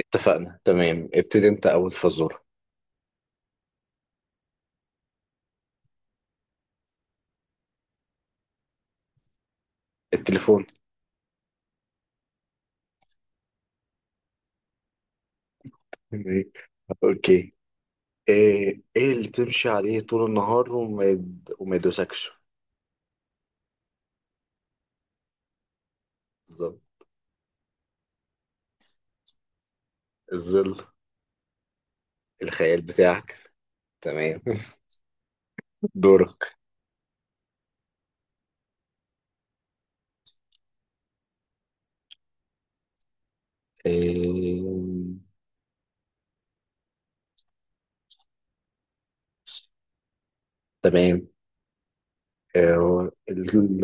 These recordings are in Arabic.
اتفقنا، تمام. ابتدي انت اول فزورة. التليفون. اوكي. ايه اللي تمشي عليه طول النهار وما يدوسكش؟ بالظبط. الظل. الخيال بتاعك. تمام. دورك. إيه، تمام. إيه، ال...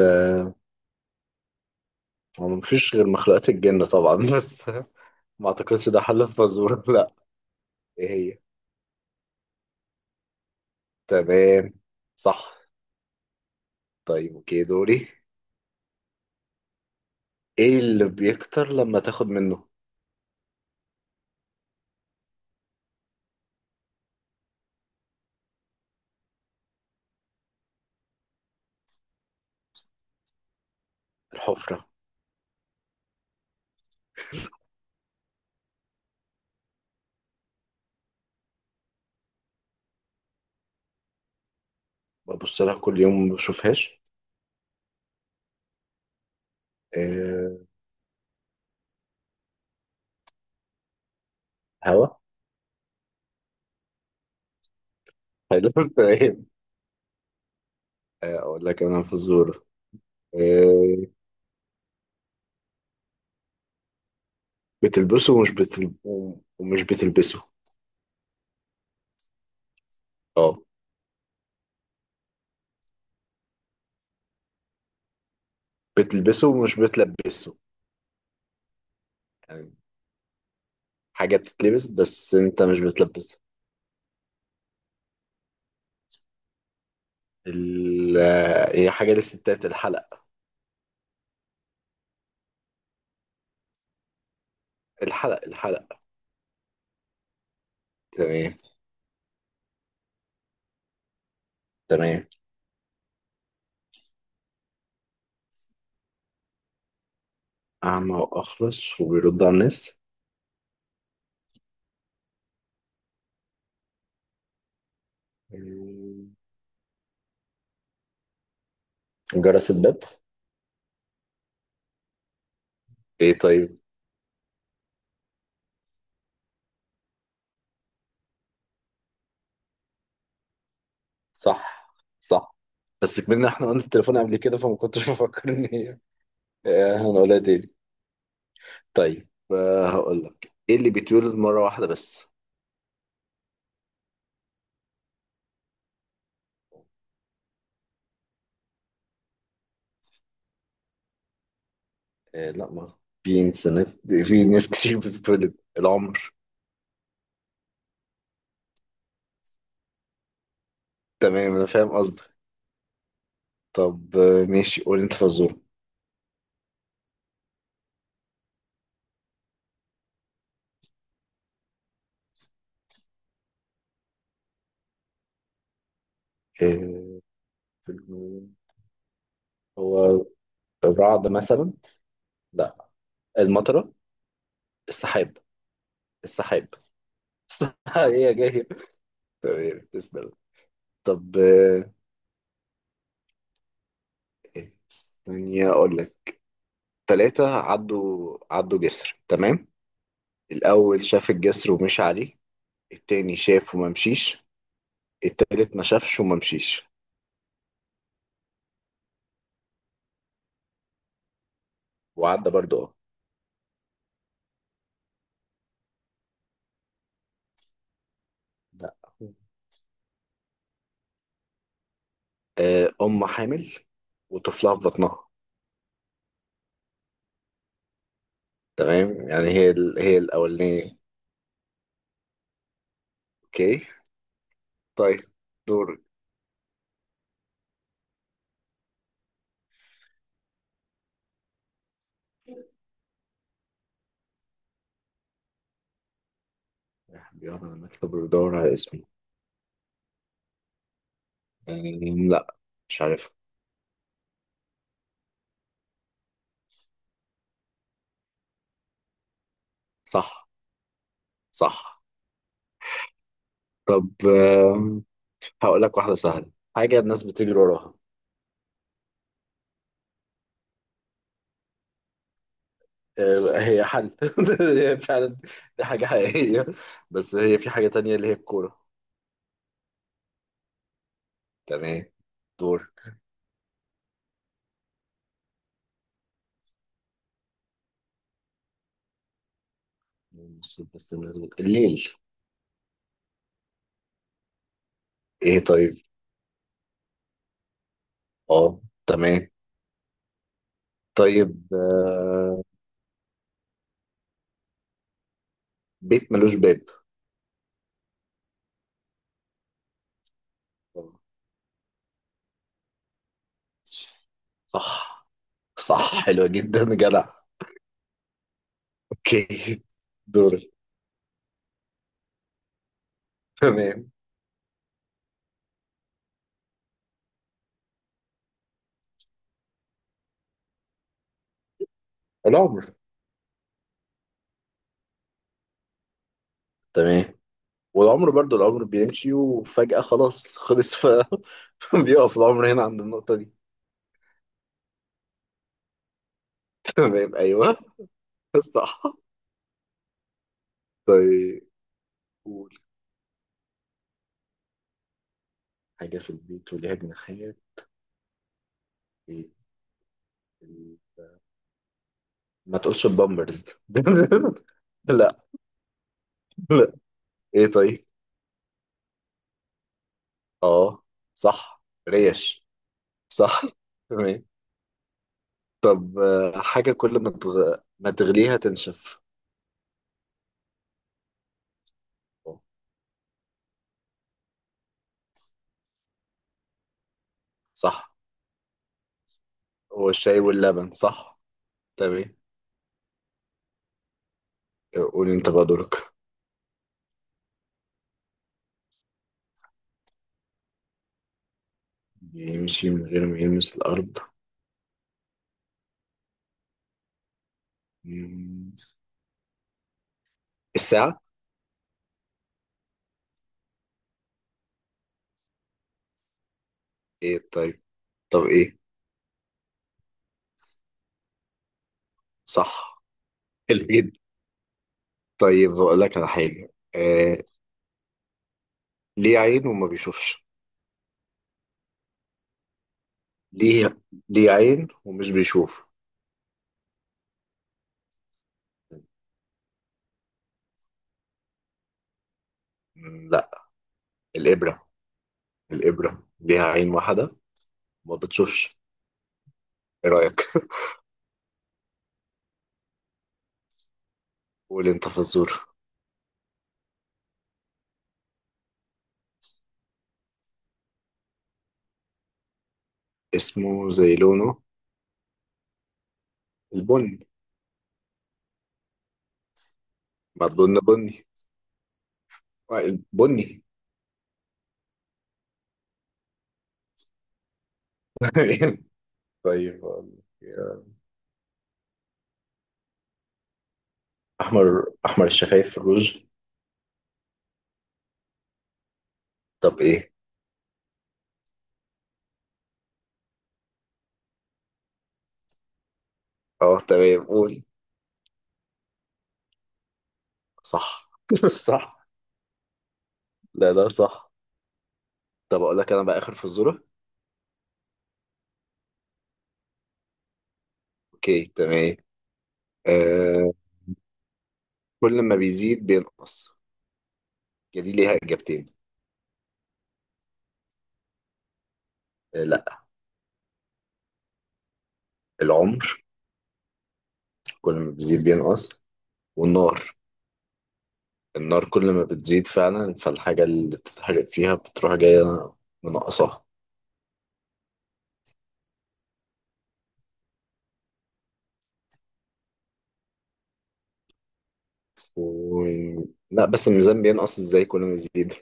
هو مفيش غير مخلوقات الجن طبعا بس ما اعتقدش ده حل الفزورة. لا. ايه هي؟ تمام. صح. طيب، اوكي، دوري. ايه اللي بيكتر لما تاخد منه؟ الحفرة. ببص لها كل يوم ما بشوفهاش. أه. هوا. هيلف. تمام. آه، اقول لك انا فزوره. أه. بتلبسه ومش بتلبسه. اه، بتلبسه ومش بتلبسه؟ يعني حاجه بتتلبس بس انت مش بتلبسها. ال... آه، هي حاجه للستات، الحلق. الحلق، الحلق. تمام، تمام. اعمى واخرس وبيرد على الناس؟ آه، جرس الباب. ايه طيب؟ صح، صح. بس كمان احنا قلنا التليفون قبل كده، فما كنتش بفكر ان هي. آه، هنقولها تاني. طيب، هقول لك ايه اللي بيتولد مرة واحدة بس؟ آه، لا مرة في ناس كتير بتتولد العمر. تمام، انا فاهم قصدك. طب، ماشي، قول انت فزورة. آه، هو الرعد مثلا؟ لا. المطرة. السحاب. السحاب. السحاب، هي جاية. تمام، تسلم. طب، إيه؟ ثانية أقول لك. تلاتة عدوا جسر، تمام. الأول شاف الجسر ومشي عليه. التاني شاف وما مشيش. التالت ما شافش وما مشيش. وعدى برضه، اه. لا. آه، أم حامل وطفلها في بطنها. تمام، يعني هي الأولانية. أوكي. طيب، دور. بيقعد على المكتب ويدور على اسمه. لا، مش عارف. صح، صح. طب، آم، هقول لك واحدة سهلة. حاجة الناس بتجري وراها؟ آه، هي حل. هي فعلا. دي حاجة حقيقية. بس هي في حاجة تانية اللي هي الكورة. تمام، دور. المفروض بس الناس الليل. ايه طيب؟ اه، تمام. طيب، بيت ملوش باب. صح، صح، حلوة جدا، جدع. اوكي، دور، تمام. العمر. تمام. والعمر برضو العمر بيمشي وفجأة خلاص خلص بيقف العمر هنا عند النقطة دي. تمام، ايوه، صح. طيب، قول. حاجة في البيت وليها جناحات؟ ايه ال- ما تقولش البامبرز. لا، لا، ايه طيب؟ اه، صح. ريش. صح. تمام. طب، حاجة كل ما تغليها تنشف؟ آه، صح. هو الشاي واللبن، صح. تمام. قول انت بقى دورك. يمشي من غير ما يلمس الأرض؟ مم. الساعة. ايه طيب؟ طب، ايه؟ صح. الإيد. طيب، بقول لك على حاجة. ليه عين وما بيشوفش؟ ليه ليه عين ومش بيشوف؟ لا. الإبرة. الإبرة ليها عين واحدة، وما بتشوفش. إيه رأيك؟ قول أنت فزور. اسمه زي لونه؟ البني. ما البن بني. آه، بني. طيب. أحمر الشفايف في الروج. طب، إيه؟ أه، تمام، قول. صح. صح. لا، لا، صح. طب، أقول لك أنا بقى آخر فزورة. أوكي، تمام. آه. كل ما بيزيد بينقص. هي دي ليها إجابتين. آه، لا. العمر. كل ما بيزيد بينقص. والنار. النار كل ما بتزيد فعلا فالحاجة اللي بتتحرق فيها بتروح جاية منقصاها. و... لا، بس الميزان بينقص ازاي كل ما يزيد؟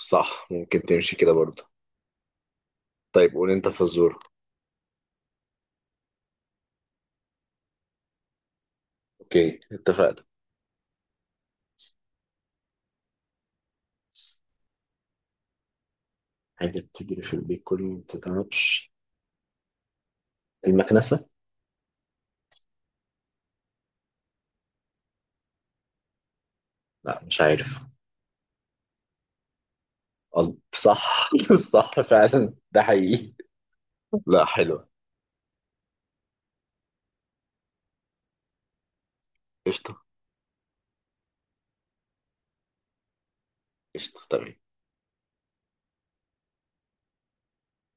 صح، ممكن تمشي كده برضه. طيب، قول انت فزورة. اوكي، اتفقنا. حاجة بتجري في البيت كل ما بتتعبش؟ المكنسة. لا، مش عارف. قلب، صح. صح، فعلا ده حقيقي. لا، حلوة. قشطة. قشطة، تمام.